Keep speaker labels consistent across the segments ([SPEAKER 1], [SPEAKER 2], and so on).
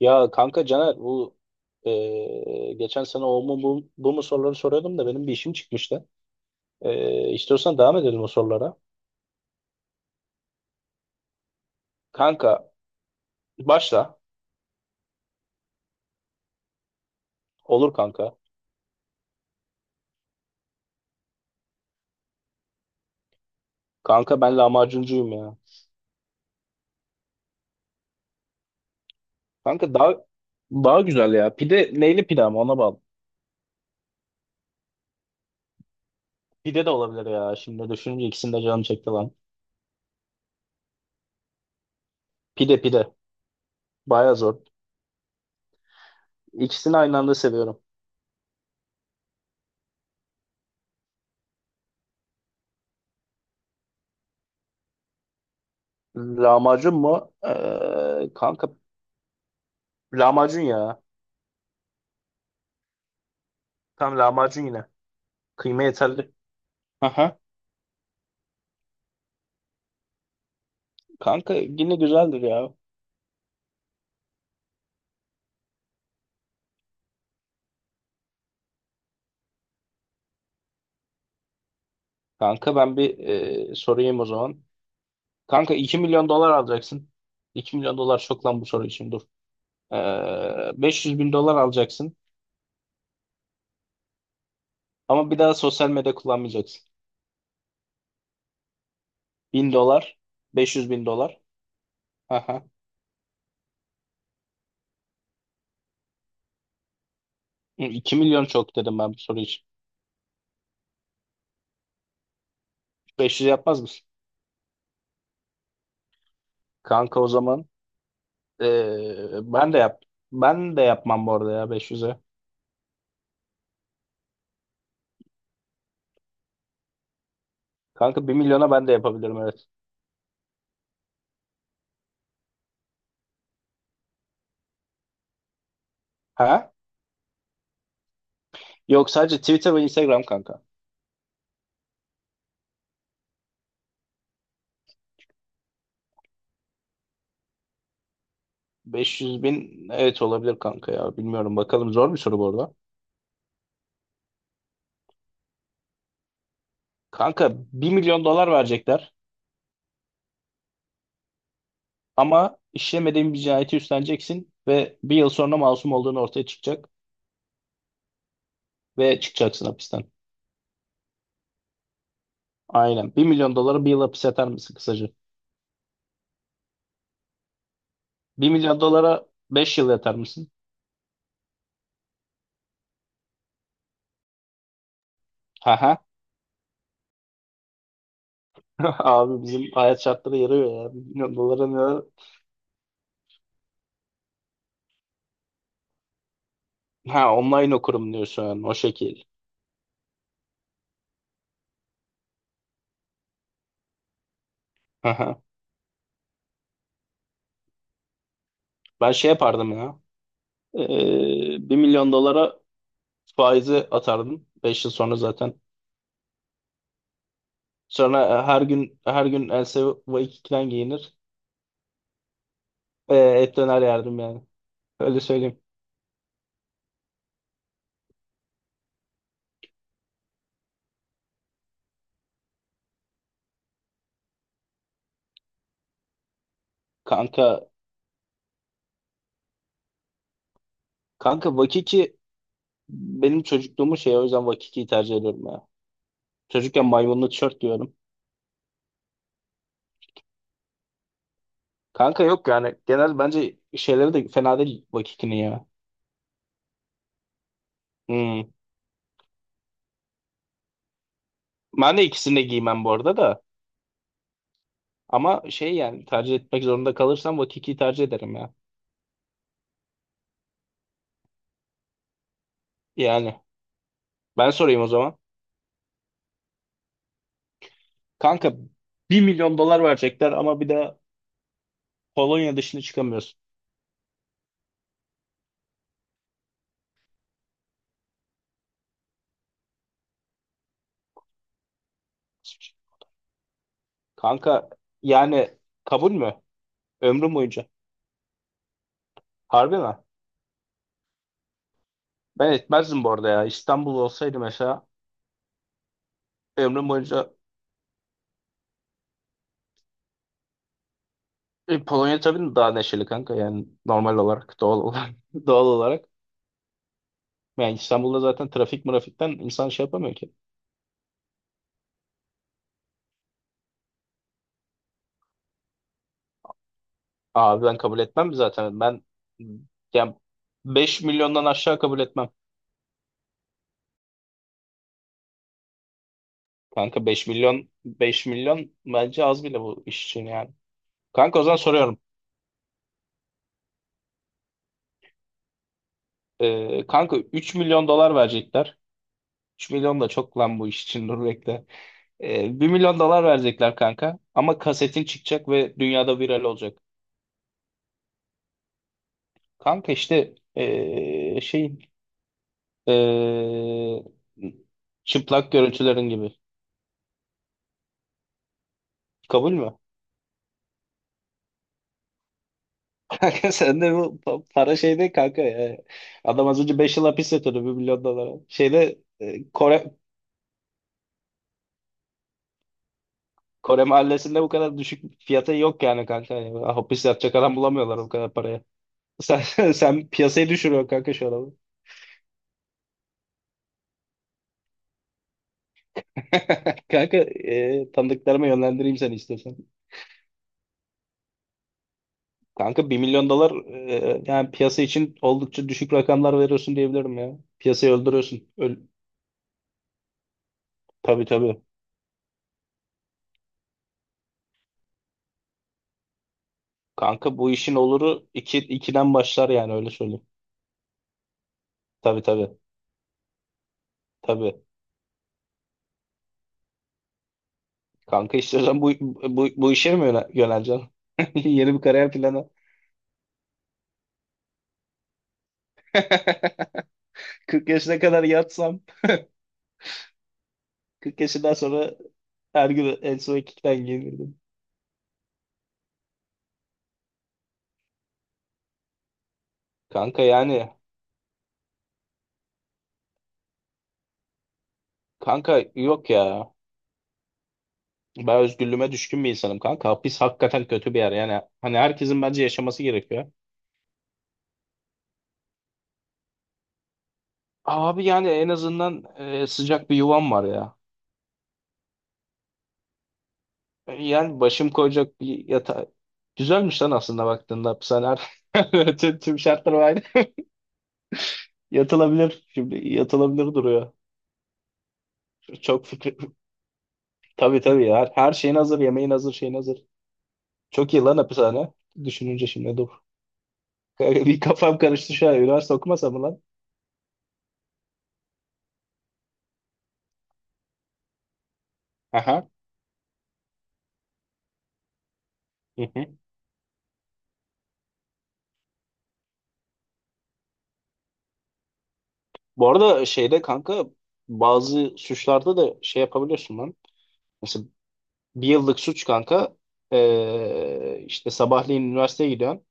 [SPEAKER 1] Ya kanka Caner, bu geçen sene o mu bu, bu mu soruları soruyordum da benim bir işim çıkmıştı. İstiyorsan devam edelim o sorulara. Kanka, başla. Olur, kanka. Kanka, ben lahmacuncuyum ya. Kanka, daha güzel ya. Pide neyli pide, ama ona bağlı. Pide de olabilir ya. Şimdi düşününce ikisini de canım çekti lan. Pide pide. Baya zor. İkisini aynı anda seviyorum. Lahmacun mu? Kanka, lahmacun ya. Tam lahmacun yine. Kıyma yeterli. Kanka, yine güzeldir ya. Kanka, ben bir sorayım o zaman. Kanka, 2 milyon dolar alacaksın. 2 milyon dolar çok lan, bu soru için dur. Beş yüz bin dolar alacaksın. Ama bir daha sosyal medya kullanmayacaksın. 1000 dolar, 500 bin dolar. Aha. 2 milyon çok dedim ben bu soru için. 500 yapmaz mısın? Kanka, o zaman ben de yap. Ben de yapmam bu arada ya beş yüz'e. Kanka, bir milyona ben de yapabilirim, evet. Ha? Yok, sadece Twitter ve Instagram kanka. 500 bin, evet, olabilir kanka ya. Bilmiyorum, bakalım, zor bir soru bu arada. Kanka, bir milyon dolar verecekler ama işlemediğin bir cinayeti üstleneceksin ve bir yıl sonra masum olduğun ortaya çıkacak ve çıkacaksın hapisten. Aynen, bir milyon dolara bir yıl hapis yatar mısın kısaca? Bir milyon dolara 5 yıl yatar mısın? Haha. Abi, bizim hayat şartları yarıyor ya. 1 milyon dolara ne? Ha, online okurum diyorsun yani, o şekil. Haha. Ben şey yapardım ya. 1 milyon dolara faizi atardım. 5 yıl sonra zaten. Sonra her gün her gün Else Vakiki'den giyinir. Et döner yerdim yani. Öyle söyleyeyim. Kanka kanka, Vakiki benim çocukluğumun şeyi, o yüzden Vakiki'yi tercih ediyorum ya. Çocukken maymunlu tişört giyiyorum. Kanka, yok yani, genel bence şeyleri de fena değil Vakiki'nin ya. Hmm. Ben de ikisini de giymem bu arada da. Ama şey yani, tercih etmek zorunda kalırsam Vakiki'yi tercih ederim ya. Yani, ben sorayım o zaman. Kanka, bir milyon dolar verecekler ama bir de Polonya dışına çıkamıyorsun. Kanka, yani kabul mü? Ömrüm boyunca. Harbi mi? Ben etmezdim bu arada ya. İstanbul olsaydı mesela, ömrüm boyunca. Polonya tabii daha neşeli kanka, yani normal olarak, doğal olarak doğal olarak. Yani İstanbul'da zaten trafik mırafikten insan şey yapamıyor ki. Abi, ben kabul etmem zaten. Ben yani 5 milyondan aşağı kabul etmem. Kanka, 5 milyon, beş milyon bence az bile bu iş için yani. Kanka, o zaman soruyorum. Kanka, 3 milyon dolar verecekler. 3 milyon da çok lan bu iş için, dur bekle. 1 milyon dolar verecekler kanka. Ama kasetin çıkacak ve dünyada viral olacak. Kanka işte şey ee, çıplak görüntülerin gibi. Kabul mü? Kanka, sen de bu para şeyde kanka ya. Adam az önce 5 yıl hapis yatıyordu bir milyon dolara. Şeyde Kore mahallesinde bu kadar düşük fiyata yok yani kanka. Yani hapis yatacak adam bulamıyorlar bu kadar paraya. Sen piyasayı düşürüyorsun kanka, şu adamı. Kanka, tanıdıklarıma yönlendireyim seni istiyorsan. Kanka, bir milyon dolar, yani piyasa için oldukça düşük rakamlar veriyorsun diyebilirim ya. Piyasayı öldürüyorsun. Tabii tabii. Kanka, bu işin oluru ikiden başlar yani, öyle söyleyeyim. Tabii tabii. Tabii. Kanka, istiyorsan bu işe mi yöneleceksin? Yeni bir kariyer planı. 40 yaşına kadar yatsam, 40 yaşından sonra her gün en son iki giyinirdim. Kanka yani. Kanka, yok ya. Ben özgürlüğüme düşkün bir insanım, kanka. Hapis hakikaten kötü bir yer. Yani hani, herkesin bence yaşaması gerekiyor. Abi, yani en azından sıcak bir yuvam var ya. Yani başım koyacak bir yatağı. Güzelmiş lan aslında baktığında hapishane. Tüm şartlar aynı. Yatılabilir. Şimdi yatılabilir duruyor. Çok fikri. Tabii tabii ya. Her şeyin hazır. Yemeğin hazır. Şeyin hazır. Çok iyi lan hapishane. Düşününce şimdi dur. Bir kafam karıştı şu an. Üniversite okumasam mı lan? Aha. Bu arada şeyde kanka, bazı suçlarda da şey yapabiliyorsun lan. Mesela, bir yıllık suç kanka, işte sabahleyin üniversiteye gidiyorsun.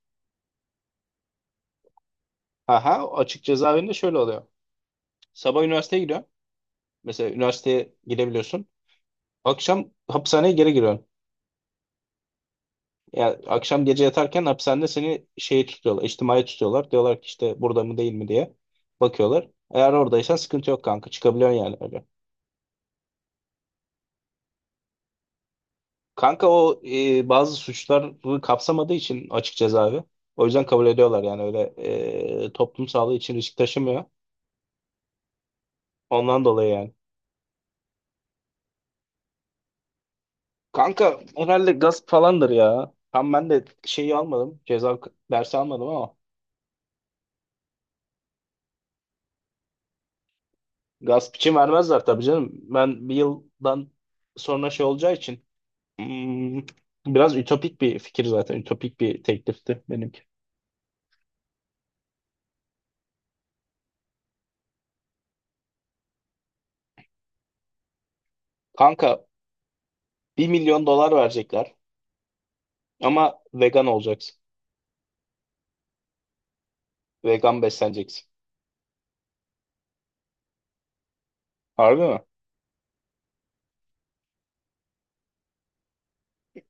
[SPEAKER 1] Aha, açık cezaevinde şöyle oluyor. Sabah üniversiteye gidiyorsun. Mesela üniversiteye gidebiliyorsun. Akşam hapishaneye geri giriyorsun. Yani akşam gece yatarken hapishanede seni şeyi tutuyorlar. İçtimai tutuyorlar. Diyorlar ki, işte burada mı değil mi diye bakıyorlar. Eğer oradaysan sıkıntı yok, kanka. Çıkabiliyorsun yani. Kanka, o bazı suçları kapsamadığı için açık cezaevi. O yüzden kabul ediyorlar yani öyle, toplum sağlığı için risk taşımıyor. Ondan dolayı yani. Kanka, herhalde gasp falandır ya. Tam ben de şeyi almadım. Ceza dersi almadım ama. Gasp için vermezler tabii canım. Ben bir yıldan sonra şey olacağı için. hmm, Biraz ütopik bir fikir zaten. Ütopik bir teklifti benimki. Kanka, bir milyon dolar verecekler. Ama vegan olacaksın. Vegan besleneceksin. Harbi mi?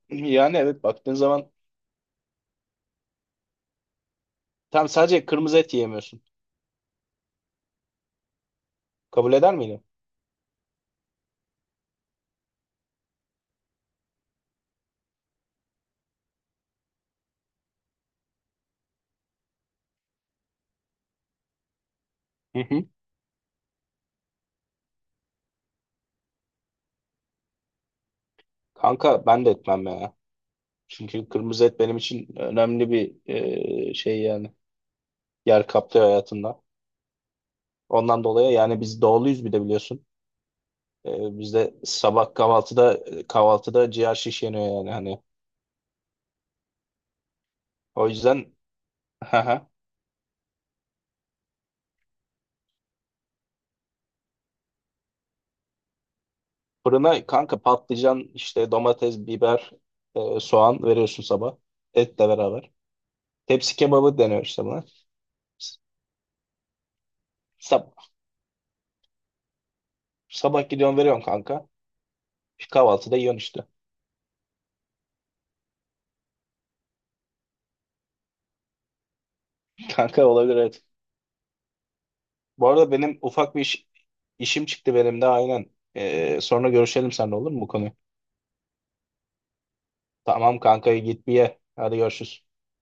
[SPEAKER 1] Yani evet, baktığın zaman tam sadece kırmızı et yiyemiyorsun. Kabul eder miydin? Hı hı. Kanka, ben de etmem ya. Çünkü kırmızı et benim için önemli bir şey yani. Yer kaplıyor hayatımda. Ondan dolayı yani, biz doğuluyuz bir de biliyorsun. Bizde sabah kahvaltıda ciğer şiş yeniyor yani hani. O yüzden haha. Fırına kanka patlıcan işte, domates, biber, soğan veriyorsun sabah. Etle beraber. Tepsi kebabı deniyor işte buna. Sabah gidiyorsun veriyorsun kanka. İşte kahvaltıda yiyorsun işte. Kanka, olabilir evet. Bu arada benim ufak bir işim çıktı benim de, aynen. Sonra görüşelim seninle, olur mu bu konuyu? Tamam kanka, git bir ye. Hadi görüşürüz.